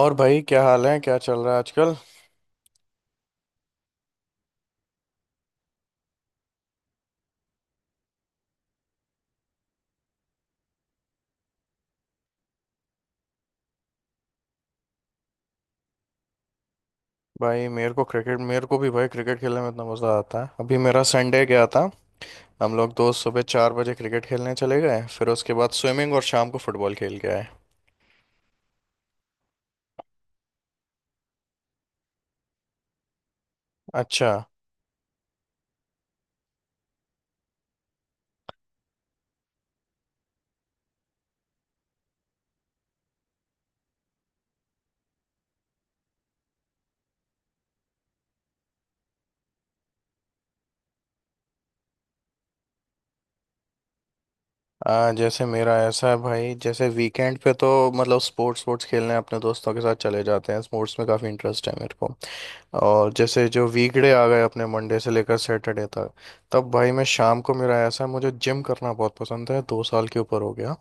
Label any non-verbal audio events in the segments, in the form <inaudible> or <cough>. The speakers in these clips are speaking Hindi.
और भाई, क्या हाल है, क्या चल रहा है आजकल? भाई मेरे को भी भाई क्रिकेट खेलने में इतना मज़ा आता है। अभी मेरा संडे गया था। हम लोग दोस्त सुबह 4 बजे क्रिकेट खेलने चले गए, फिर उसके बाद स्विमिंग और शाम को फुटबॉल खेल के आए। अच्छा। जैसे मेरा ऐसा है भाई, जैसे वीकेंड पे तो मतलब स्पोर्ट्स स्पोर्ट्स खेलने अपने दोस्तों के साथ चले जाते हैं, स्पोर्ट्स में काफ़ी इंटरेस्ट है मेरे को। और जैसे जो वीकडे आ गए अपने मंडे से लेकर सैटरडे तक, तब भाई मैं शाम को, मेरा ऐसा है, मुझे जिम करना बहुत पसंद है, 2 साल के ऊपर हो गया।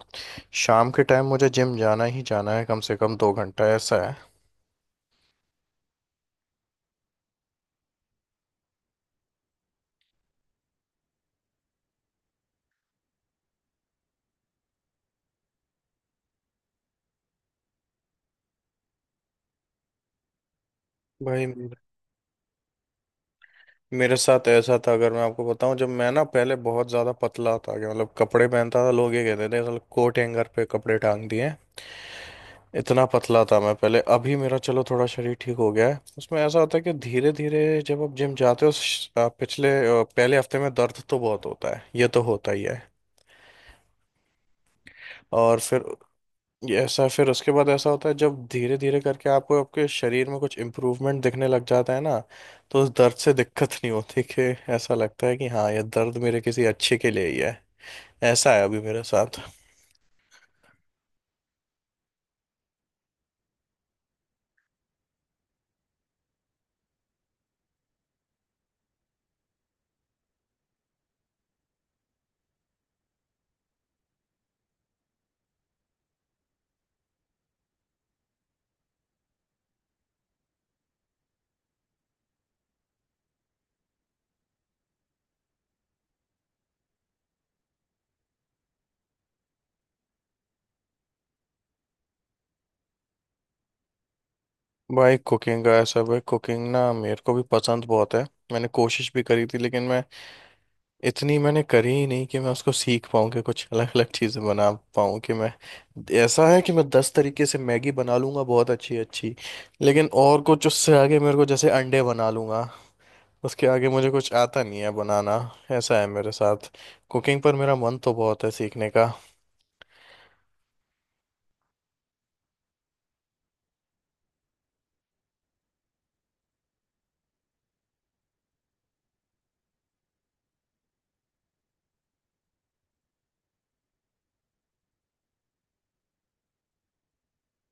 शाम के टाइम मुझे जिम जाना ही जाना है, कम से कम 2 घंटा ऐसा है। भाई मेरे मेरे साथ ऐसा था, अगर मैं आपको बताऊं, जब मैं ना पहले बहुत ज़्यादा पतला था कि मतलब कपड़े पहनता था लोग ये कहते थे साला कोट हैंगर पे कपड़े टांग दिए। इतना पतला था मैं पहले। अभी मेरा, चलो, थोड़ा शरीर ठीक हो गया है। उसमें ऐसा होता है कि धीरे धीरे जब आप जिम जाते हो, पहले हफ्ते में दर्द तो बहुत होता है, ये तो होता ही है। और फिर ऐसा, फिर उसके बाद ऐसा होता है जब धीरे धीरे करके आपको, आपके शरीर में कुछ इम्प्रूवमेंट दिखने लग जाता है ना, तो उस दर्द से दिक्कत नहीं होती, कि ऐसा लगता है कि हाँ, ये दर्द मेरे किसी अच्छे के लिए ही है। ऐसा है अभी मेरे साथ। भाई कुकिंग ना मेरे को भी पसंद बहुत है। मैंने कोशिश भी करी थी, लेकिन मैं इतनी मैंने करी ही नहीं कि मैं उसको सीख पाऊँ, कि कुछ अलग अलग चीज़ें बना पाऊँ, कि मैं ऐसा है कि मैं 10 तरीके से मैगी बना लूँगा, बहुत अच्छी अच्छी। लेकिन और कुछ उससे आगे, मेरे को जैसे अंडे बना लूँगा, उसके आगे मुझे कुछ आता नहीं है बनाना। ऐसा है मेरे साथ। कुकिंग पर मेरा मन तो बहुत है सीखने का।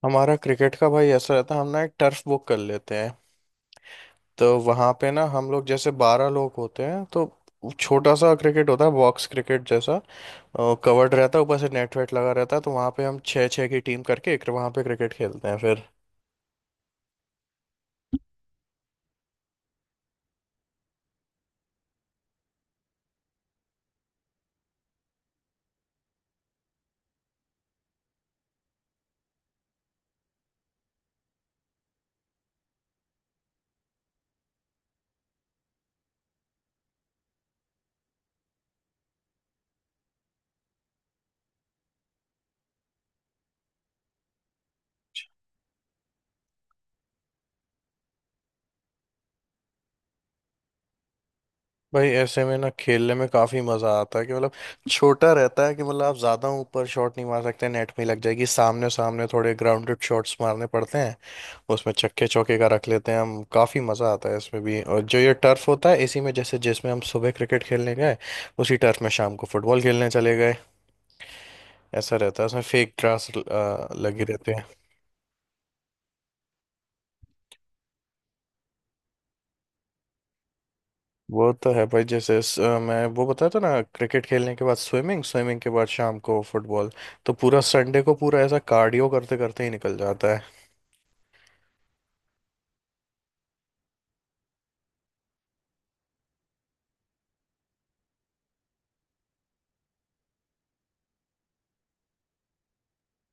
हमारा क्रिकेट का भाई ऐसा रहता है, हम ना एक टर्फ बुक कर लेते हैं। तो वहाँ पे ना हम लोग, जैसे 12 लोग होते हैं, तो छोटा सा क्रिकेट होता है, बॉक्स क्रिकेट जैसा। कवर्ड रहता है, ऊपर से नेट वेट लगा रहता है, तो वहाँ पे हम छः छः की टीम करके एक वहाँ पे क्रिकेट खेलते हैं फिर। भाई ऐसे में ना खेलने में काफी मजा आता है, कि मतलब छोटा रहता है, कि मतलब आप ज्यादा ऊपर शॉट नहीं मार सकते, नेट में ही लग जाएगी, सामने सामने थोड़े ग्राउंडेड शॉट्स मारने पड़ते हैं। उसमें छक्के चौके का रख लेते हैं हम, काफी मजा आता है इसमें भी। और जो ये टर्फ होता है, इसी में जैसे जिसमें हम सुबह क्रिकेट खेलने गए, उसी टर्फ में शाम को फुटबॉल खेलने चले गए। ऐसा रहता है, उसमें फेक ग्रास लगी रहते हैं। वो तो है भाई, जैसे मैं वो बताया था ना, क्रिकेट खेलने के बाद स्विमिंग, स्विमिंग के बाद शाम को फुटबॉल, तो पूरा संडे को पूरा ऐसा कार्डियो करते करते ही निकल जाता है।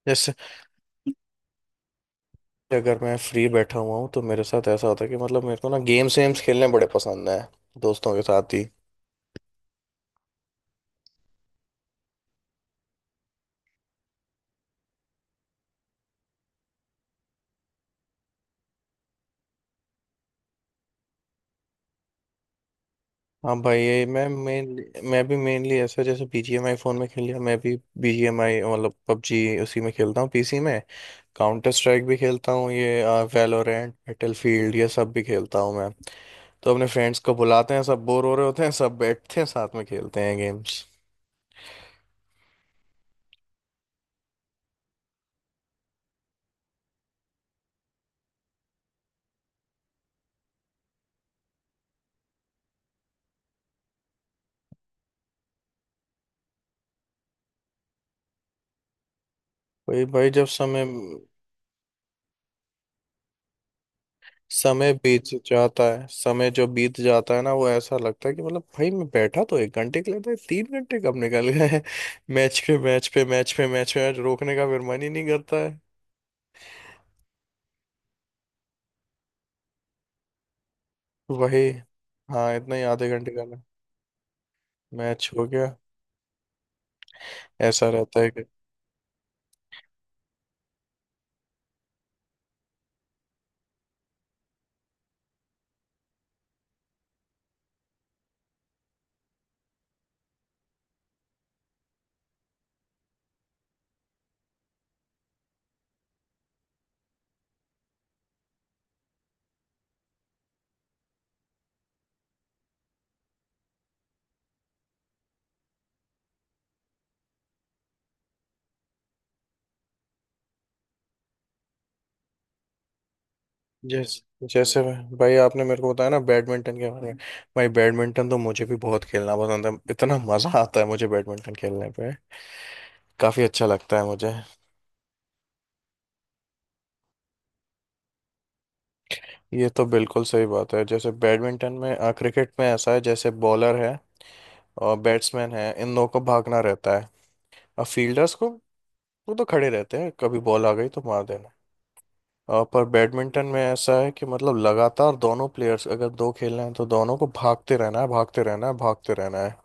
जैसे, अगर मैं फ्री बैठा हुआ हूँ तो मेरे साथ ऐसा होता है कि मतलब मेरे को ना गेम्स वेम्स खेलने बड़े पसंद है, दोस्तों के साथ ही। हाँ भाई, ये मैं मेनली मैं भी मेनली ऐसा, जैसे BGMI फ़ोन में खेल लिया मैं भी, BGMI मतलब पबजी, उसी में खेलता हूँ पीसी में। काउंटर स्ट्राइक भी खेलता हूँ, ये वैलोरेंट, बैटलफील्ड, ये सब भी खेलता हूँ मैं। तो अपने फ्रेंड्स को बुलाते हैं, सब बोर हो रहे होते हैं, सब बैठते हैं, साथ में खेलते हैं गेम्स। भाई भाई, जब समय समय बीत जाता है, समय जो बीत जाता है ना, वो ऐसा लगता है कि मतलब भाई मैं बैठा तो एक घंटे के लिए था, ये 3 घंटे कब निकल गए। <laughs> मैच पे मैच पे मैच पे मैच पे मैच, रोकने का फिर मन ही नहीं करता है। वही, हाँ, इतना ही, आधे घंटे का मैच हो गया, ऐसा रहता है। जैस जैसे भाई भाई, आपने मेरे को बताया ना बैडमिंटन के बारे में, भाई बैडमिंटन तो मुझे भी बहुत खेलना पसंद है, इतना मजा आता है मुझे बैडमिंटन खेलने पे, काफी अच्छा लगता है मुझे। ये तो बिल्कुल सही बात है, जैसे बैडमिंटन में, क्रिकेट में ऐसा है, जैसे बॉलर है और बैट्समैन है, इन दोनों को भागना रहता है, और फील्डर्स को, वो तो खड़े रहते हैं, कभी बॉल आ गई तो मार देना। पर बैडमिंटन में ऐसा है कि मतलब लगातार दोनों प्लेयर्स, अगर दो खेल रहे हैं तो दोनों को भागते रहना है, भागते रहना है, भागते रहना है।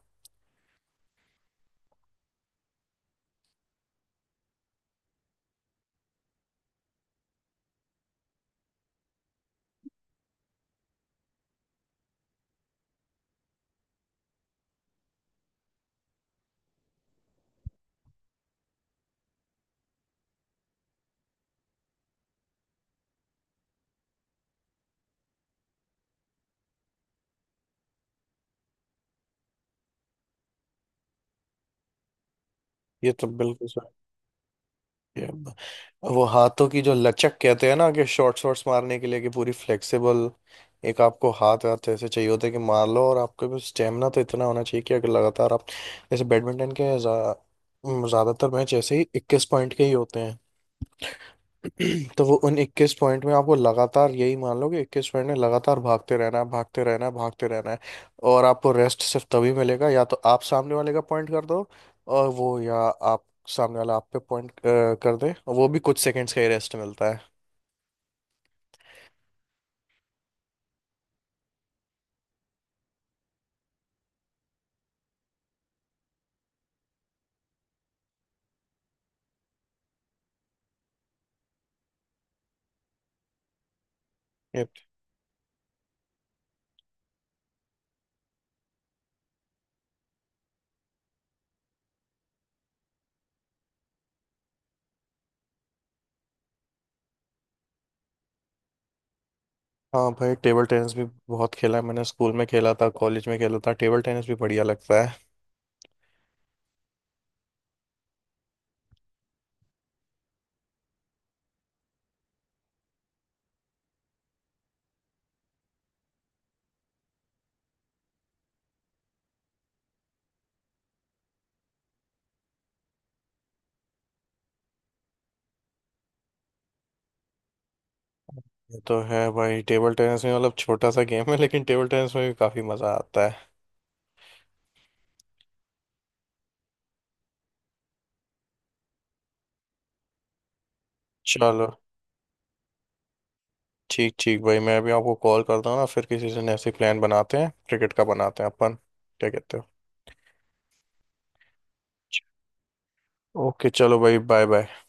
ये तो बिल्कुल। ये ब- वो हाथों की जो लचक कहते हैं ना, कि शॉर्ट शॉट्स मारने के लिए कि पूरी फ्लेक्सिबल एक, आपको हाथ हाथ ऐसे चाहिए होते हैं कि मार लो, और आपके भी स्टेमिना तो इतना होना चाहिए कि अगर लगातार आप, जैसे बैडमिंटन के ज़्यादातर मैच ऐसे ही 21 पॉइंट के ही होते हैं, तो वो उन 21 पॉइंट में आपको लगातार, यही मान लो कि 21 पॉइंट में लगातार भागते रहना है, भागते रहना है, भागते रहना है। और आपको रेस्ट सिर्फ तभी मिलेगा या तो आप सामने वाले का पॉइंट कर दो, और वो या आप, सामने वाला आप पे पॉइंट कर दे, और वो भी कुछ सेकंड्स का ही रेस्ट मिलता है। ये- हाँ भाई, टेबल टेनिस भी बहुत खेला है मैंने, स्कूल में खेला था, कॉलेज में खेला था, टेबल टेनिस भी बढ़िया लगता है। ये तो है भाई, टेबल टेनिस में मतलब छोटा सा गेम है, लेकिन टेबल टेनिस में भी काफी मजा आता है। चलो, ठीक ठीक भाई, मैं अभी आपको कॉल करता हूँ ना, फिर किसी दिन ऐसे प्लान बनाते हैं, क्रिकेट का बनाते हैं अपन, क्या कहते हो? ओके, चलो भाई, बाय बाय।